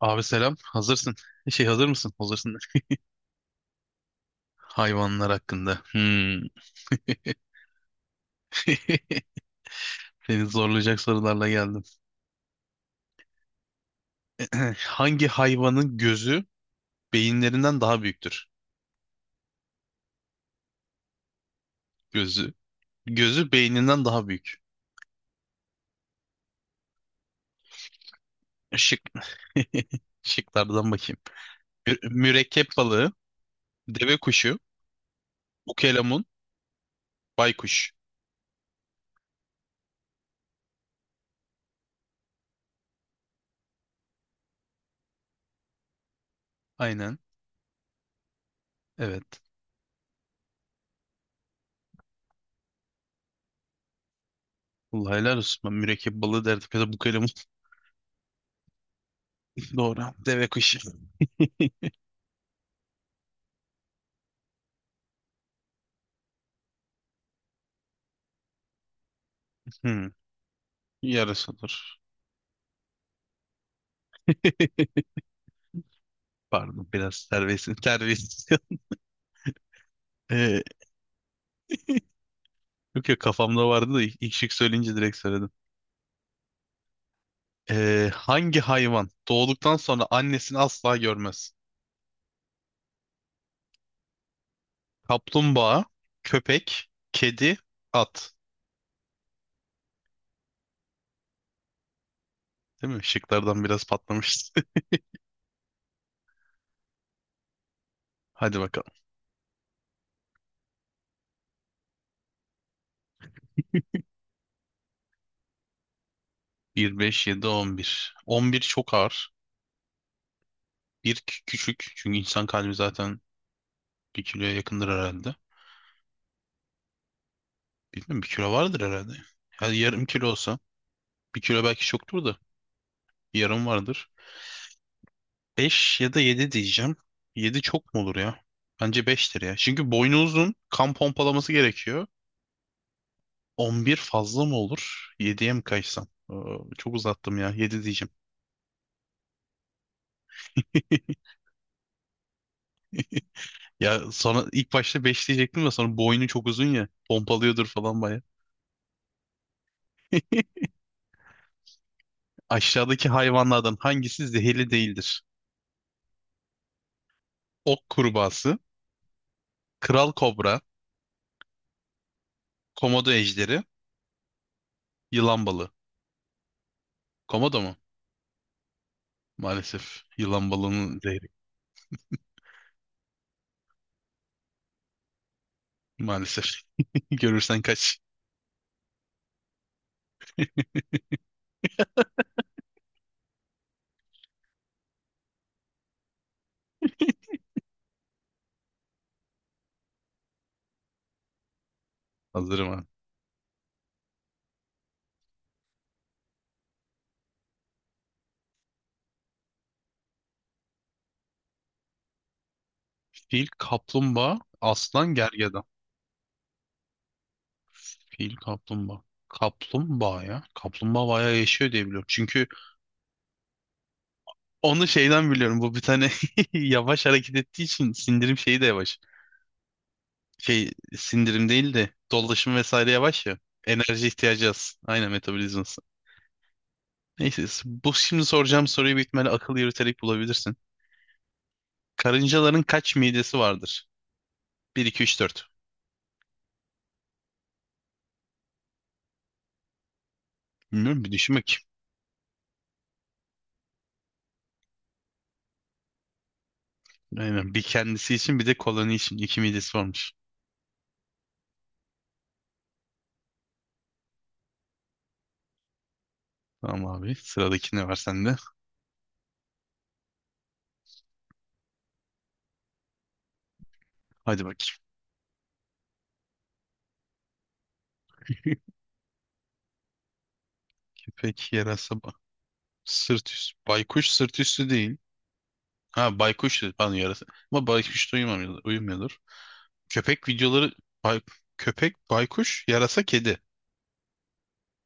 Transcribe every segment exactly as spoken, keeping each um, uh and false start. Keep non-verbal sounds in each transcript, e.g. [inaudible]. Abi selam. Hazırsın. Şey hazır mısın? Hazırsın. Hayvanlar hakkında. Hmm. [laughs] Seni zorlayacak sorularla geldim. [clears throat] Hangi hayvanın gözü beyinlerinden daha büyüktür? Gözü. Gözü beyninden daha büyük. Şık. [laughs] Şıklardan bakayım. Mü- mürekkep balığı, deve kuşu, ukelemun, baykuş. Aynen. Evet. Allah helal olsun. Ben mürekkep balığı derdim ya da bukelemun. [laughs] Doğru. Deve kuşu. Hmm. Yarısı olur. [laughs] Pardon biraz servis servis. [laughs] Ee, Yok ya kafamda vardı da ilk ilk şık söyleyince direkt söyledim. Ee, hangi hayvan doğduktan sonra annesini asla görmez? Kaplumbağa, köpek, kedi, at. Değil mi? Şıklardan biraz patlamıştı. [laughs] Hadi bakalım. bir, beş, yedi, on bir. on bir çok ağır. Bir kü- küçük. Çünkü insan kalbi zaten bir kiloya yakındır herhalde. Bilmiyorum bir kilo vardır herhalde. Yani yarım kilo olsa. Bir kilo belki çoktur da. Yarım vardır. Beş ya da yedi diyeceğim. Yedi çok mu olur ya? Bence beştir ya. Çünkü boynu uzun, kan pompalaması gerekiyor. On bir fazla mı olur? yediye mi kaçsam? Ee, çok uzattım ya. Yedi diyeceğim. [laughs] Ya sonra ilk başta beş diyecektim de sonra boynu çok uzun ya. Pompalıyordur falan baya. Aşağıdaki hayvanlardan hangisi zehirli değildir? Ok kurbağası, kral kobra, komodo ejderi, yılan balığı. Komodo mu? Maalesef. Yılan balığının zehri. Maalesef. [laughs] Görürsen kaç. Hazırım. Fil, kaplumbağa, aslan, gergedan. Fil, kaplumbağa. Kaplumbağa ya. Kaplumbağa bayağı yaşıyor diye biliyorum. Çünkü onu şeyden biliyorum. Bu bir tane [laughs] yavaş hareket ettiği için sindirim şeyi de yavaş. Şey sindirim değil de dolaşım vesaire yavaş ya. Enerji ihtiyacı az. Aynen metabolizması. Neyse bu şimdi soracağım soruyu büyük ihtimalle akıl yürüterek bulabilirsin. Karıncaların kaç midesi vardır? Bir iki üç dört. Bilmiyorum bir düşün bakayım. Aynen bir kendisi için bir de koloni için. İki midesi varmış. Tamam abi. Sıradaki ne var sende? Hadi bakayım. Köpek yarasa ba- sırt üstü. Baykuş sırt üstü değil. Ha baykuş dedi. Pardon yarasa. Ama baykuş da uyumamıyor, uyumuyordur. Köpek videoları bay- köpek baykuş yarasa kedi.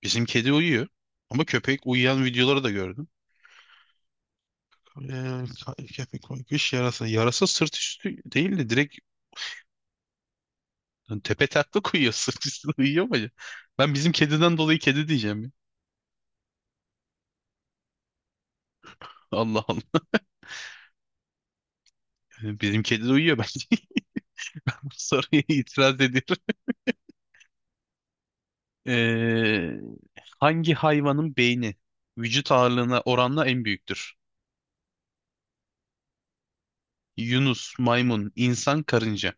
Bizim kedi uyuyor. Ama köpek uyuyan videoları da gördüm. Ee, ka- Köpek baykuş yarasa. Yarasa sırt üstü değil de direkt tepe taklak uyuyor. [laughs] Sırt üstü uyuyor mu acaba? Ben bizim kediden dolayı kedi diyeceğim ya. Allah Allah. Yani bizim kedi de uyuyor bence. Bu soruya [laughs] itiraz ediyor. Ee, Hangi hayvanın beyni vücut ağırlığına oranla en büyüktür? Yunus, maymun, insan, karınca.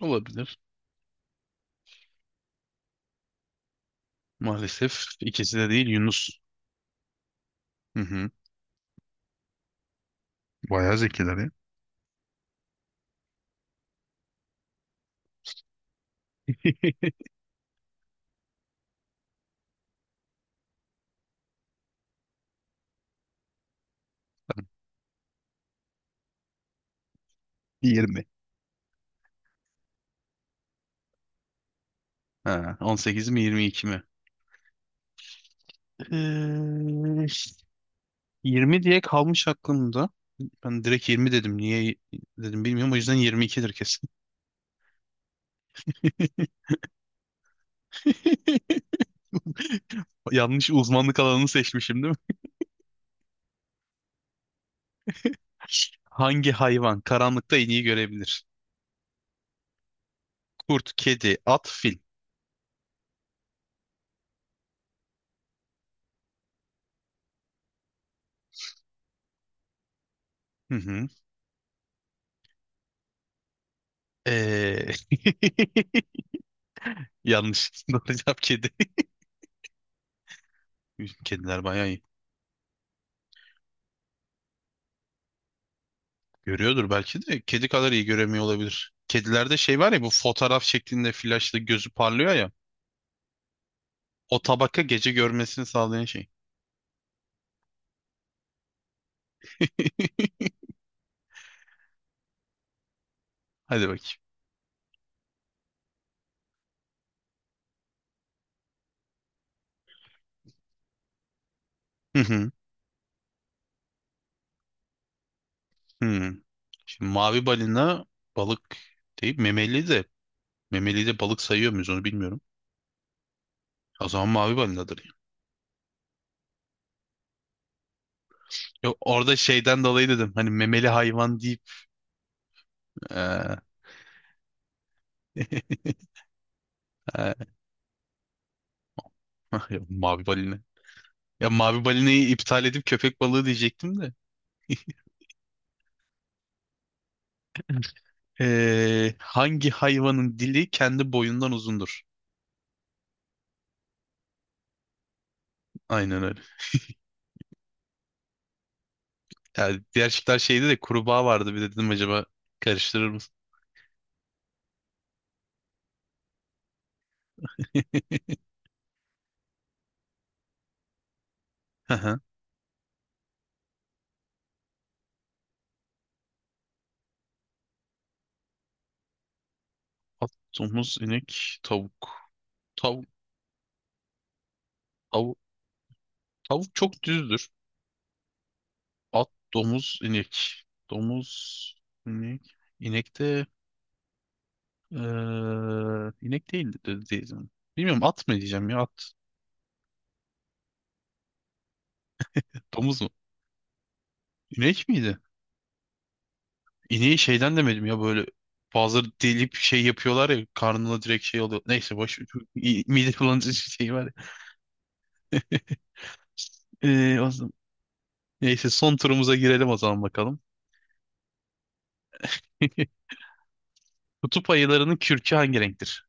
Olabilir. Maalesef ikisi de değil Yunus. Hı hı. Bayağı zekiler ya. [laughs] yirmi. Ha, on sekiz mi yirmi iki mi? Ee, yirmi diye kalmış aklımda. Ben direkt yirmi dedim. Niye dedim bilmiyorum. O yüzden yirmi ikidir kesin. [laughs] Yanlış uzmanlık alanını seçmişim. Hangi hayvan karanlıkta en iyi görebilir? Kurt, kedi, at, fil. Hı hı. Ee, [laughs] Yanlış. [laughs] Doğru cevap kedi. [laughs] Kediler bayağı iyi. Görüyordur belki de. Kedi kadar iyi göremiyor olabilir. Kedilerde şey var ya bu fotoğraf şeklinde flaşla gözü parlıyor ya. O tabaka gece görmesini sağlayan şey. [laughs] Hadi bakayım. Hı hı. Hı. Şimdi mavi balina balık değil memeli de memeli de balık sayıyor muyuz onu bilmiyorum. O zaman mavi balinadır. Yok orada şeyden dolayı dedim. Hani memeli hayvan deyip eee, [laughs] eee, [laughs] mavi balina. Ya mavi balinayı iptal edip köpek balığı diyecektim de. Eee, hangi hayvanın dili kendi boyundan uzundur? Aynen öyle. Yani diğer şıklar şeydi de kurbağa vardı. Bir de dedim acaba karıştırır mısın? Hı hı. At, domuz, inek, tavuk. Tavuk, tavuk, Tavuk çok düzdür. At, domuz, inek. Domuz, inek. İnek de... Eee, inek değildi de- değil mi? Bilmiyorum at mı diyeceğim ya at. Domuz mu? İnek miydi? İneği şeyden demedim ya böyle bazıları delip şey yapıyorlar ya karnına direkt şey oluyor. Neyse boş ver. İ- mide bulandırıcı şey var ya. [laughs] Eee, o zaman- Neyse son turumuza girelim o zaman bakalım. [laughs] Kutup ayılarının kürkü hangi renktir?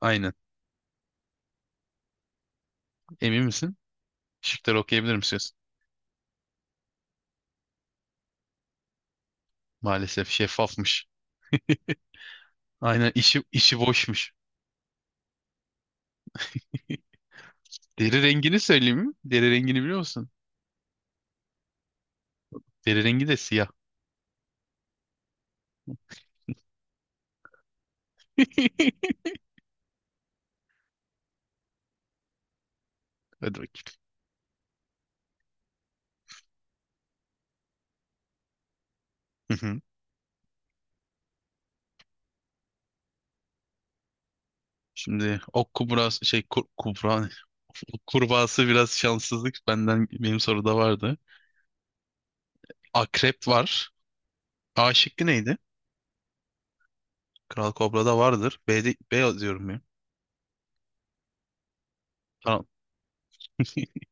Aynen. Emin misin? Şıkları okuyabilir misiniz? Maalesef şeffafmış. Aynen işi işi boşmuş. [laughs] Deri rengini söyleyeyim mi? Deri rengini biliyor musun? Deri rengi de siyah. [laughs] Hadi bakayım. Hı hı. Şimdi ok kubrası şey kur, kubra ne? [laughs] Kurbağası biraz şanssızlık benden benim soruda vardı. Akrep var. A şıkkı neydi? Kral Kobra da vardır. B'de B diyorum ya. Tamam. [laughs]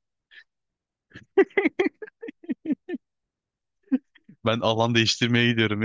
Ben alan değiştirmeye gidiyorum